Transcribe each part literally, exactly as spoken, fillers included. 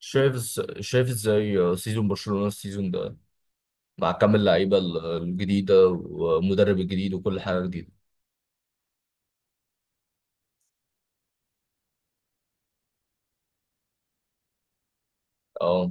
شايف إز- شايف ازاي سيزون برشلونة السيزون ده مع كم اللعيبة ال- الجديدة والمدرب الجديد وكل حاجة جديدة. اه،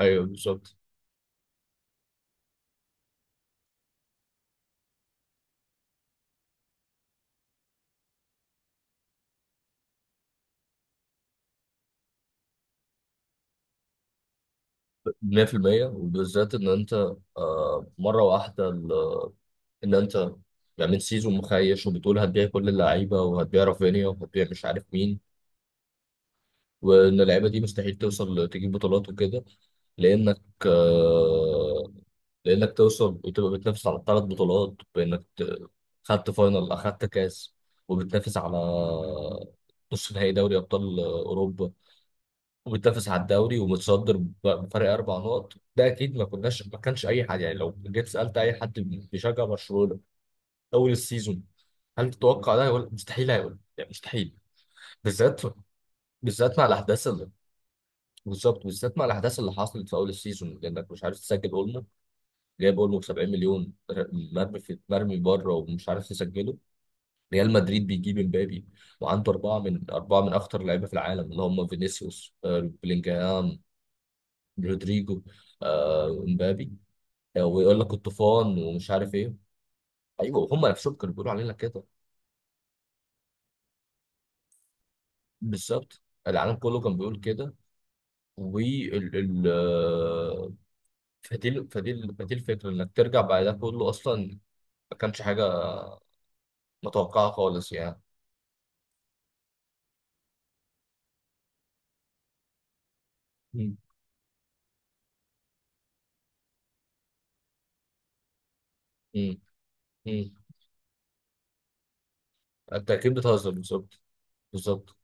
ايوه بالظبط. مية في المية وبالذات ان انت، آه، مرة واحدة ال- ان انت يعني من سيزون مخيش وبتقول هتبيع كل اللعيبة وهتبيع رافينيا وهتبيع مش عارف مين، وان اللعيبة دي مستحيل توصل تجيب بطولات وكده. لانك آه، لانك توصل وتبقى بتنافس على ثلاث بطولات، بانك ت- خدت فاينل، اخدت كاس، وبتنافس على نص نهائي دوري ابطال اوروبا، وبتنافس على الدوري ومتصدر ب- بفرق اربع نقط. ده اكيد ما كناش ما كانش اي حد، يعني لو جيت سالت اي حد بيشجع برشلونه اول السيزون هل تتوقع ده، هيقول مستحيل، هيقول يعني مستحيل. بالذات بالذات مع الاحداث اللي، بالظبط بالذات مع الاحداث اللي حصلت في اول السيزون، لانك مش عارف تسجل، جايب اولمو ب سبعين مليون مرمي في مرمي بره ومش عارف يسجله. ريال مدريد بيجيب امبابي، وعنده اربعه من اربعه من اخطر اللعيبه في العالم، اللي هم فينيسيوس، آه، بلينجهام، رودريجو، آه، امبابي، آه، ويقول لك الطوفان ومش عارف ايه. ايوه هم نفسهم كانوا بيقولوا علينا كده. بالظبط، العالم كله كان بيقول كده. وال ال آه، فدي ال- فدي ال- فدي الفكره انك ترجع بعد ده كله اصلا ما كانش حاجه متوقعه خالص يعني. مم. مم. مم. انت اكيد بتهزر، بالظبط، بالظبط.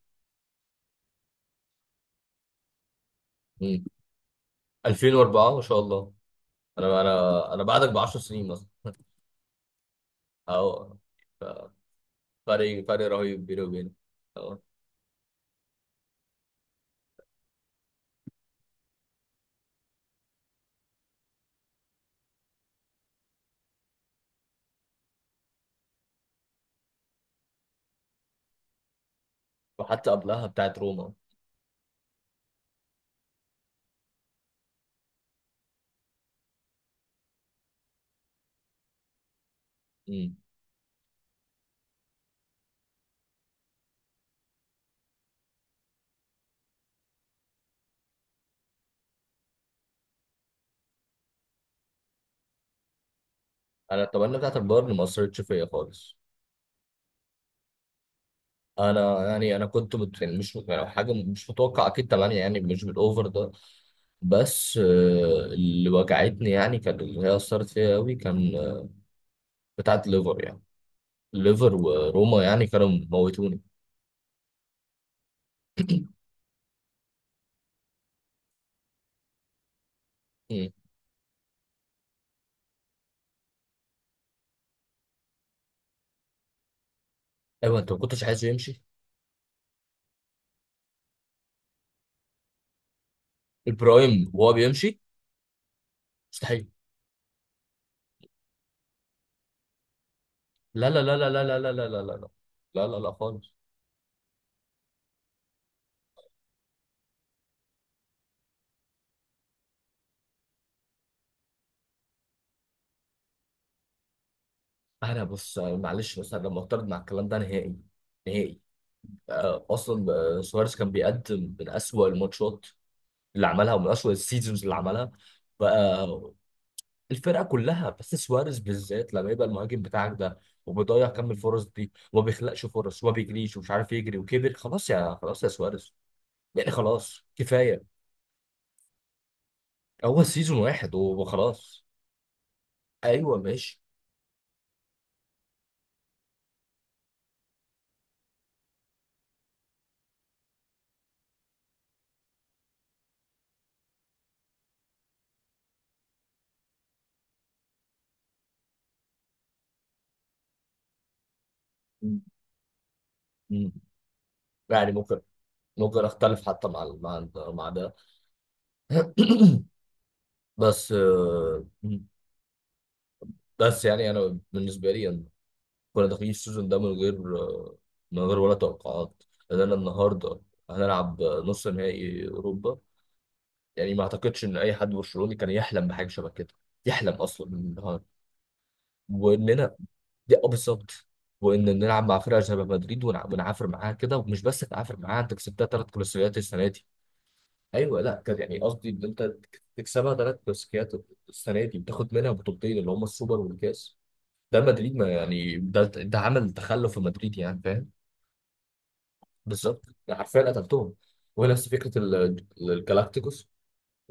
مم. الفين واربعه، ما شاء الله. انا انا انا بعدك ب عشرة سنين مثلا. اه، ف- فرق فرق رهيب بيني وبينك. اه، وحتى قبلها بتاعت روما. مم. انا اتمنى بتاعت البايرن ما اثرتش فيا خالص. انا يعني انا كنت مت... يعني مش يعني حاجه مش متوقع اكيد طبعا، يعني مش بالاوفر ده، بس آه، اللي وجعتني يعني كان، اللي هي اثرت فيا قوي كان، آه، بتاعت ليفر يعني، ليفر وروما يعني كانوا موتوني. مم. ايوه انت ما كنتش عايزه يمشي. البرايم وهو بيمشي، مستحيل. لا لا لا لا لا لا لا لا لا لا، لا لا لا خالص. انا بص معلش بس انا معترض مع الكلام ده نهائي، نهائي. آه، اصلا آه، سواريز كان بيقدم من اسوأ الماتشات اللي عملها، ومن اسوأ السيزونز اللي عملها بقى. الفرقه كلها، بس سواريز بالذات لما يبقى المهاجم بتاعك ده، وبيضيع كم الفرص دي، وما بيخلقش فرص، وما بيجريش ومش عارف يجري، وكبر خلاص، يا خلاص يا سواريز، يعني خلاص كفايه. هو سيزون واحد وخلاص. ايوه ماشي. مم. يعني ممكن، ممكن اختلف حتى مع ال- مع ال- مع ده. بس آه، مم. بس يعني انا بالنسبه لي أنا، كنا داخلين السيزون ده من غير آه، من غير ولا توقعات، لان انا النهارده هنلعب نص نهائي اوروبا، يعني ما اعتقدش ان اي حد برشلوني كان يحلم بحاجه شبه كده، يحلم اصلا النهارده. واننا، دي اه بالظبط، وان نلعب مع فرقه شبه مدريد ونع- ونعافر معاها كده، ومش بس تعافر معاها، انت كسبتها ثلاث كلاسيكيات السنه دي. ايوه لا، كان يعني قصدي ان انت تكسبها ثلاث كلاسيكيات السنه دي، بتاخد منها بطولتين اللي هم السوبر والكاس. ده مدريد، ما يعني ده، ده عمل تخلف في مدريد، يعني فاهم. بالظبط، حرفيا قتلتهم. ونفس فكره ال- الجالاكتيكوس،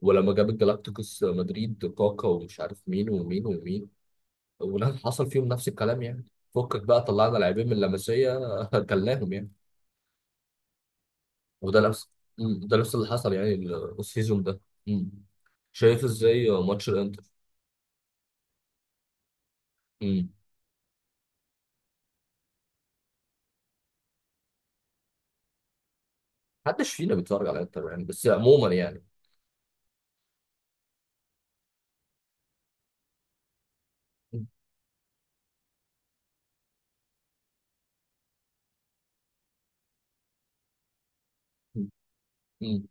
ولما جاب الجالاكتيكوس مدريد كاكا ومش عارف مين ومين ومين، ونفس حصل فيهم نفس الكلام يعني. فكك بقى، طلعنا لاعبين من لاماسيا كلناهم يعني. وده نفس مم، ده نفس اللي حصل يعني ال- السيزون ده. مم. شايف ازاي ماتش الانتر؟ محدش فينا بيتفرج على انتر يعني، بس عموما يعني. امم،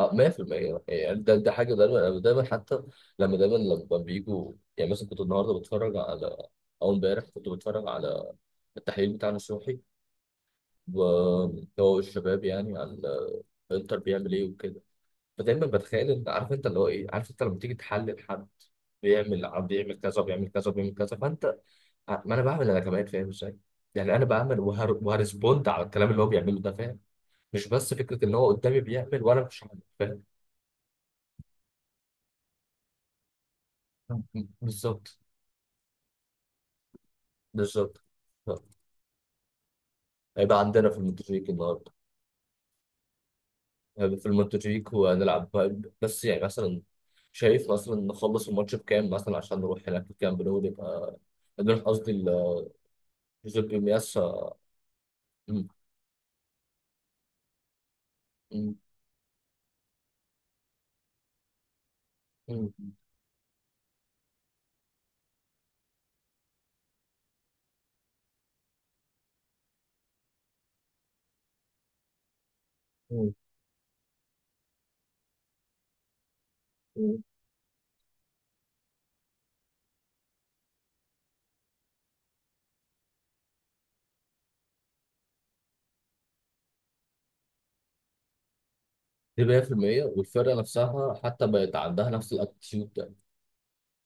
اه، مية في المية. يعني يعني ده ده حاجه دايما، أنا دايما حتى لما، دايما لما بيجوا، يعني مثلا كنت النهارده بتفرج على، او امبارح كنت بتفرج على التحليل بتاع نصوحي، وهو الشباب يعني على انتر بيعمل ايه وكده، فدايما بتخيل ان، عارف انت اللي هو ايه، عارف انت لما تيجي تحلل حد بيعمل، عم بيعمل كذا، بيعمل كذا، بيعمل كذا، فانت ما انا بعمل انا كمان فاهم ازاي. يعني انا بعمل وهر... وهرسبوند على الكلام اللي هو بيعمله ده، مش بس فكرة إن هو قدامي بيعمل وأنا مش عارف، فاهم. بالظبط، بالظبط. آه. هيبقى عندنا في المونتاجيك النهاردة. هيبقى في المونتاجيك وهنلعب بقى- بس يعني مثلا شايف مثلا نخلص الماتش بكام مثلا عشان نروح هناك الكامب نو، نبقى نروح قصدي ال- جوزيبي مياسا. مم. مم. مم. مم. دي مية في المية. والفرقة نفسها حتى بقت عندها نفس الاتيتيود،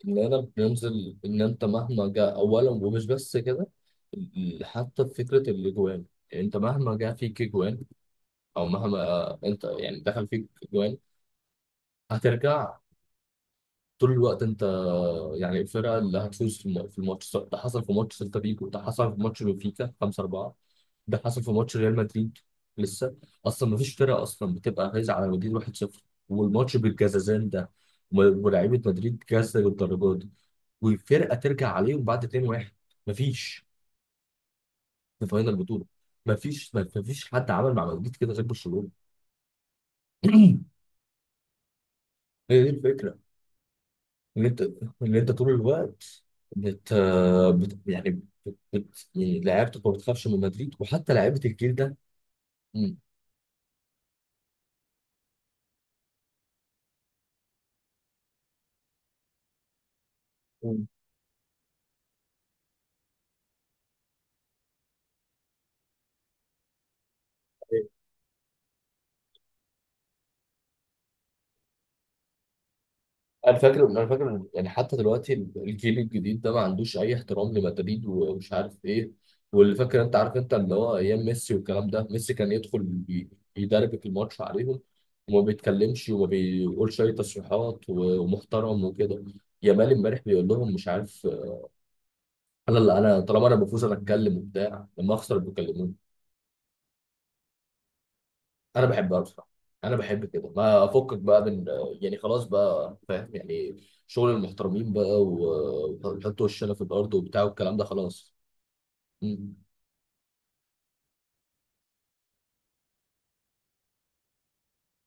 العنب بينزل، ان انت مهما جاء اولا، ومش بس كده، ال- حتى في فكره الاجوان، يعني انت مهما جاء فيك اجوان، او مهما آه، انت يعني دخل فيك اجوان، هترجع. طول الوقت انت، آه، يعني الفرقه اللي هتفوز في الم- في الماتش، سواء ده حصل في ماتش سيلتا فيجو، ده حصل في ماتش بنفيكا خمسة اربعة، ده حصل في ماتش ريال مدريد لسه اصلا. مفيش فرقه اصلا بتبقى فايزه على مدريد واحد صفر، والماتش بالجزازان ده، ولاعيبه مدريد جازه للدرجه دي، وفرقه ترجع عليهم بعد اتنين واحد مفيش، في فاينل بطوله. مفيش، مفيش حد عمل مع مدريد كده زي برشلونه. هي دي الفكره، ان انت، ان انت طول الوقت، بت, بت... يعني بت... بت... يعني لعيبتك ما بتخافش من مدريد، وحتى لعيبه الجيل ده. مم. انا فاكر انا فاكر يعني حتى دلوقتي الجيل الجديد ده ما عندوش اي احترام لمدريد ومش عارف ايه. واللي فاكر انت عارف انت اللي هو ايام ميسي والكلام ده، ميسي كان يدخل ي- يدربك الماتش عليهم، وما بيتكلمش وما بيقولش اي تصريحات، و- ومحترم وكده. يامال امبارح بيقول لهم مش عارف، انا اللي انا طالما انا بفوز انا اتكلم وبتاع، لما اخسر بيكلموني. انا بحبها بصراحه، انا بحب كده، ما افكك بقى من، يعني خلاص بقى فاهم يعني، شغل المحترمين بقى، و- وحط وشنا في الارض وبتاع والكلام ده خلاص.